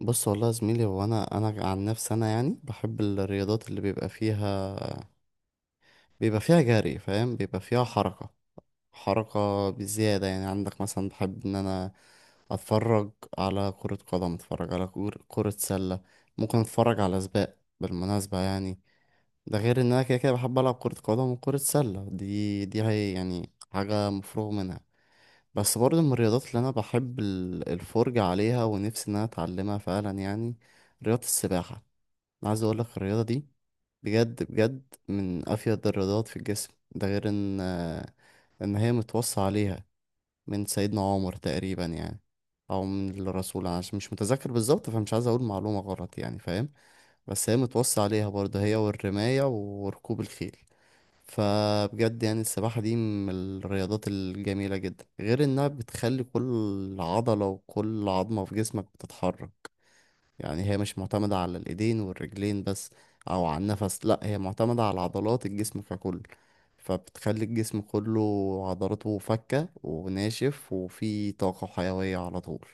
بص، والله يا زميلي، هو انا عن نفسي انا يعني بحب الرياضات اللي بيبقى فيها جري، فاهم، بيبقى فيها حركة بزيادة. يعني عندك مثلا بحب ان انا اتفرج على كرة قدم، اتفرج على كرة سلة، ممكن اتفرج على سباق بالمناسبة، يعني ده غير ان انا كده كده بحب العب كرة قدم وكرة سلة، دي هي يعني حاجة مفروغ منها. بس برضه من الرياضات اللي انا بحب الفرجة عليها ونفسي ان انا اتعلمها فعلا، يعني رياضة السباحة. أنا عايز اقول لك الرياضه دي بجد بجد من افيد الرياضات في الجسم، ده غير ان هي متوصى عليها من سيدنا عمر تقريبا، يعني او من الرسول، انا عشان مش متذكر بالظبط فمش عايز اقول معلومه غلط، يعني فاهم. بس هي متوصى عليها برضه، هي والرمايه وركوب الخيل. فبجد يعني السباحة دي من الرياضات الجميلة جدا، غير انها بتخلي كل عضلة وكل عظمة في جسمك بتتحرك. يعني هي مش معتمدة على الإيدين والرجلين بس أو على النفس، لأ هي معتمدة على عضلات الجسم ككل، فبتخلي الجسم كله عضلاته فكة وناشف وفيه طاقة وحيوية على طول.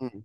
مم.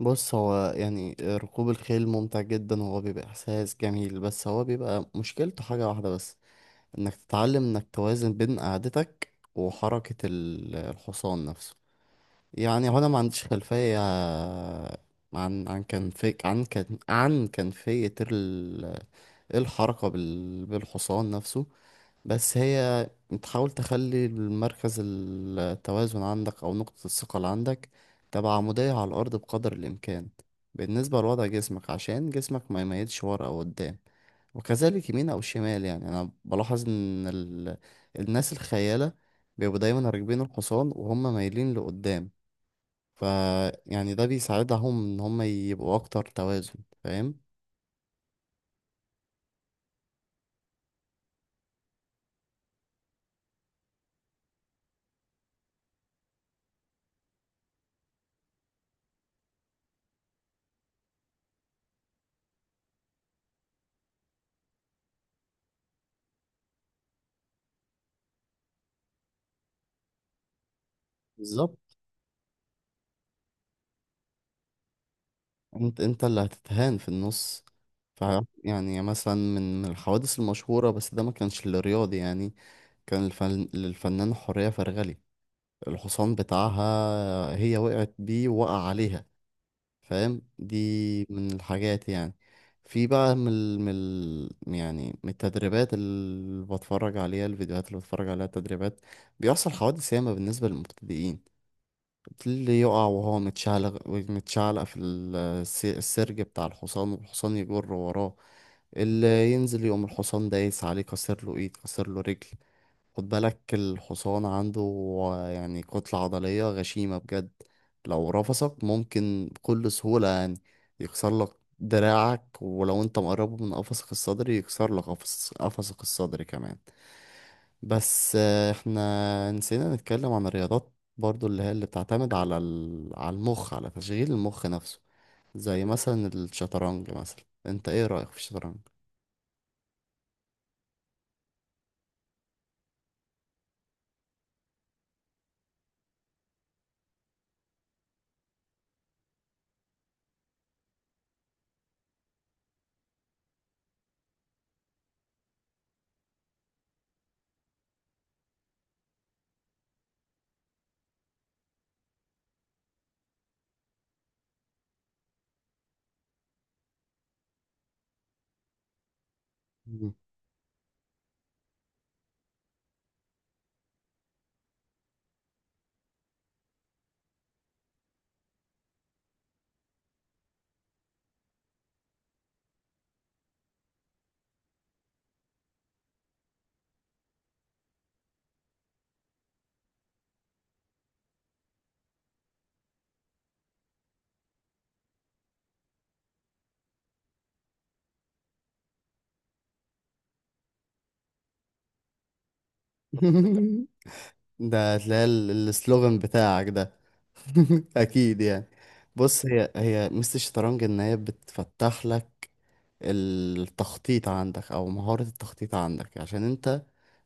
بص، هو يعني ركوب الخيل ممتع جدا وهو بيبقى إحساس جميل، بس هو بيبقى مشكلته حاجة واحدة بس، إنك تتعلم إنك توازن بين قعدتك وحركة الحصان نفسه. يعني هو انا ما عنديش خلفية عن عن كان في عن كان عن كيفية ال- إيه الحركة بالحصان نفسه. بس هي بتحاول تخلي مركز التوازن عندك أو نقطة الثقة اللي عندك تبقى عمودية على الأرض بقدر الإمكان، بالنسبة لوضع جسمك، عشان جسمك ما يميلش ورا أو قدام وكذلك يمين أو شمال. يعني أنا بلاحظ إن الناس الخيالة بيبقوا دايما راكبين الحصان وهم مايلين لقدام. ف يعني ده بيساعدهم ان هم يبقوا اكتر توازن، فاهم؟ بالظبط. انت اللي هتتهان في النص. ف يعني مثلا من الحوادث المشهورة، بس ده ما كانش للرياضي يعني، كان للفنان حورية فرغلي الحصان بتاعها، هي وقعت بيه، وقع عليها. فاهم، دي من الحاجات يعني. في بقى يعني من التدريبات اللي بتفرج عليها الفيديوهات اللي بتفرج عليها التدريبات، بيحصل حوادث ياما بالنسبة للمبتدئين. اللي يقع وهو متشعلق في السرج بتاع الحصان والحصان يجر وراه. اللي ينزل يقوم الحصان دايس عليه، كسر له ايد، كسر له رجل. خد بالك الحصان عنده يعني كتلة عضلية غشيمة بجد. لو رفسك ممكن بكل سهولة يعني يكسر لك دراعك، ولو انت مقربه من قفصك الصدري يكسر لك قفصك الصدري كمان. بس احنا نسينا نتكلم عن الرياضات برضو اللي هي اللي بتعتمد على على المخ، على تشغيل المخ نفسه، زي مثلا الشطرنج. مثلا انت ايه رأيك في الشطرنج؟ مم. ده هتلاقي السلوغان بتاعك ده. اكيد يعني. بص، هي ميزة الشطرنج ان هي بتفتح لك التخطيط عندك او مهارة التخطيط عندك، عشان انت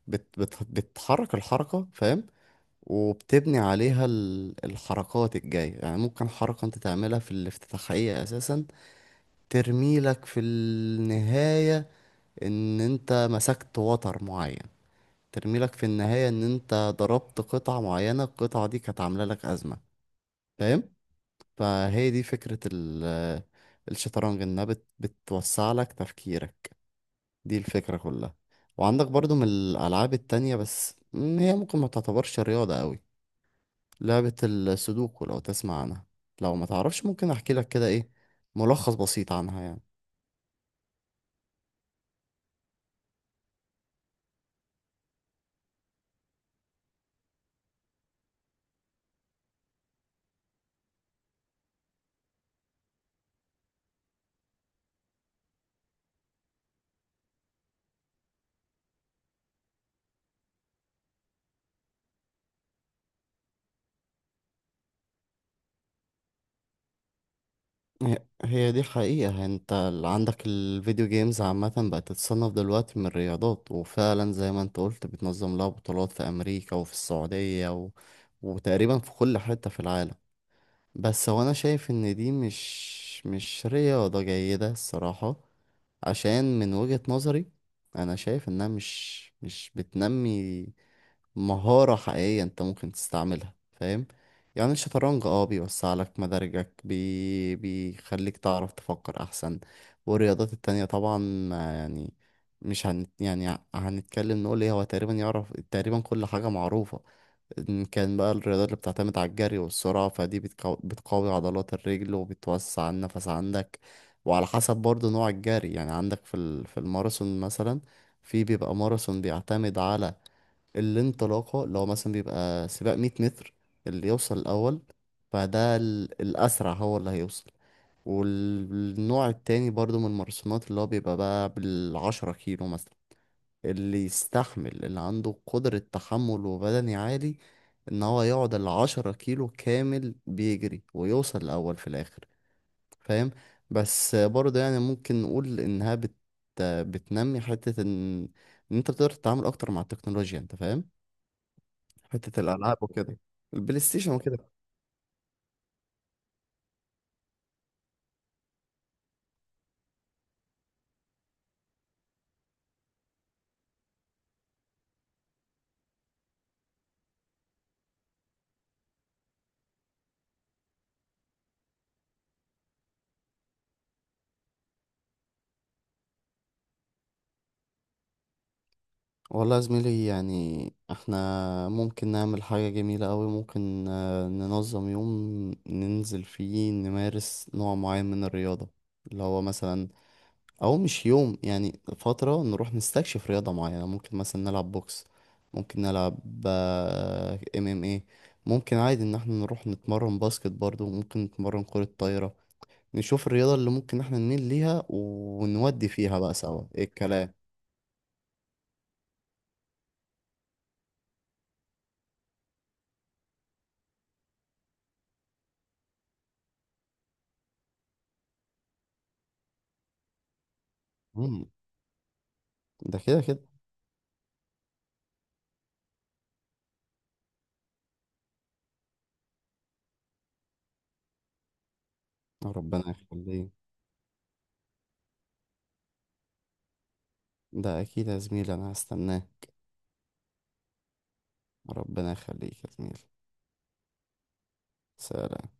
بت بت بتحرك الحركة، فاهم، وبتبني عليها الحركات الجاية. يعني ممكن حركة انت تعملها في الافتتاحية اساسا ترميلك في النهاية ان انت مسكت وتر معين، ترميلك في النهاية ان انت ضربت قطعة معينة، القطعة دي كانت عاملة لك ازمة، فاهم. فهي دي فكرة الشطرنج، انها بتوسع لك تفكيرك، دي الفكرة كلها. وعندك برضو من الألعاب التانية، بس هي ممكن ما تعتبرش رياضة قوي، لعبة السودوكو، لو تسمع عنها. لو ما تعرفش ممكن احكي لك كده ايه ملخص بسيط عنها، يعني هي هي دي حقيقة. انت عندك الفيديو جيمز عامة بقت تتصنف دلوقتي من الرياضات، وفعلا زي ما انت قلت بتنظم لها بطولات في أمريكا وفي السعودية وتقريبا في كل حتة في العالم. بس هو انا شايف ان دي مش رياضة جيدة الصراحة، عشان من وجهة نظري انا شايف انها مش بتنمي مهارة حقيقية انت ممكن تستعملها، فاهم. يعني الشطرنج اه بيوسع لك مدارجك، بيخليك تعرف تفكر احسن، والرياضات التانية طبعا ما يعني مش هن... يعني هنتكلم نقول ايه، هو تقريبا يعرف تقريبا كل حاجة معروفة. إن كان بقى الرياضات اللي بتعتمد على الجري والسرعة، فدي بتقوي عضلات الرجل وبتوسع النفس عندك. وعلى حسب برضو نوع الجري، يعني عندك في في الماراثون مثلا. في بيبقى ماراثون بيعتمد على الانطلاقة، اللي هو مثلا بيبقى سباق 100 متر، اللي يوصل الأول فده الأسرع هو اللي هيوصل. والنوع التاني برضو من الماراثونات، اللي هو بيبقى بقى بالعشرة كيلو مثلا، اللي يستحمل اللي عنده قدرة تحمل وبدني عالي، ان هو يقعد العشرة كيلو كامل بيجري ويوصل الاول في الاخر، فاهم. بس برضه يعني ممكن نقول انها بتنمي حتة ان ان انت بتقدر تتعامل اكتر مع التكنولوجيا، انت فاهم، حتة الالعاب وكده، البلاي ستيشن وكده. والله يا زميلي يعني احنا ممكن نعمل حاجة جميلة قوي، ممكن ننظم يوم ننزل فيه نمارس نوع معين من الرياضة، اللي هو مثلا، او مش يوم يعني فترة نروح نستكشف رياضة معينة. ممكن مثلا نلعب بوكس، ممكن نلعب ام ام ايه ممكن عادي ان احنا نروح نتمرن باسكت برضو، ممكن نتمرن كرة طايرة، نشوف الرياضة اللي ممكن احنا نميل ليها ونودي فيها بقى سوا ايه الكلام. مم. ده كده كده. ربنا يخليك، ده أكيد يا زميلي أنا هستناه. ربنا يخليك يا زميلي. سلام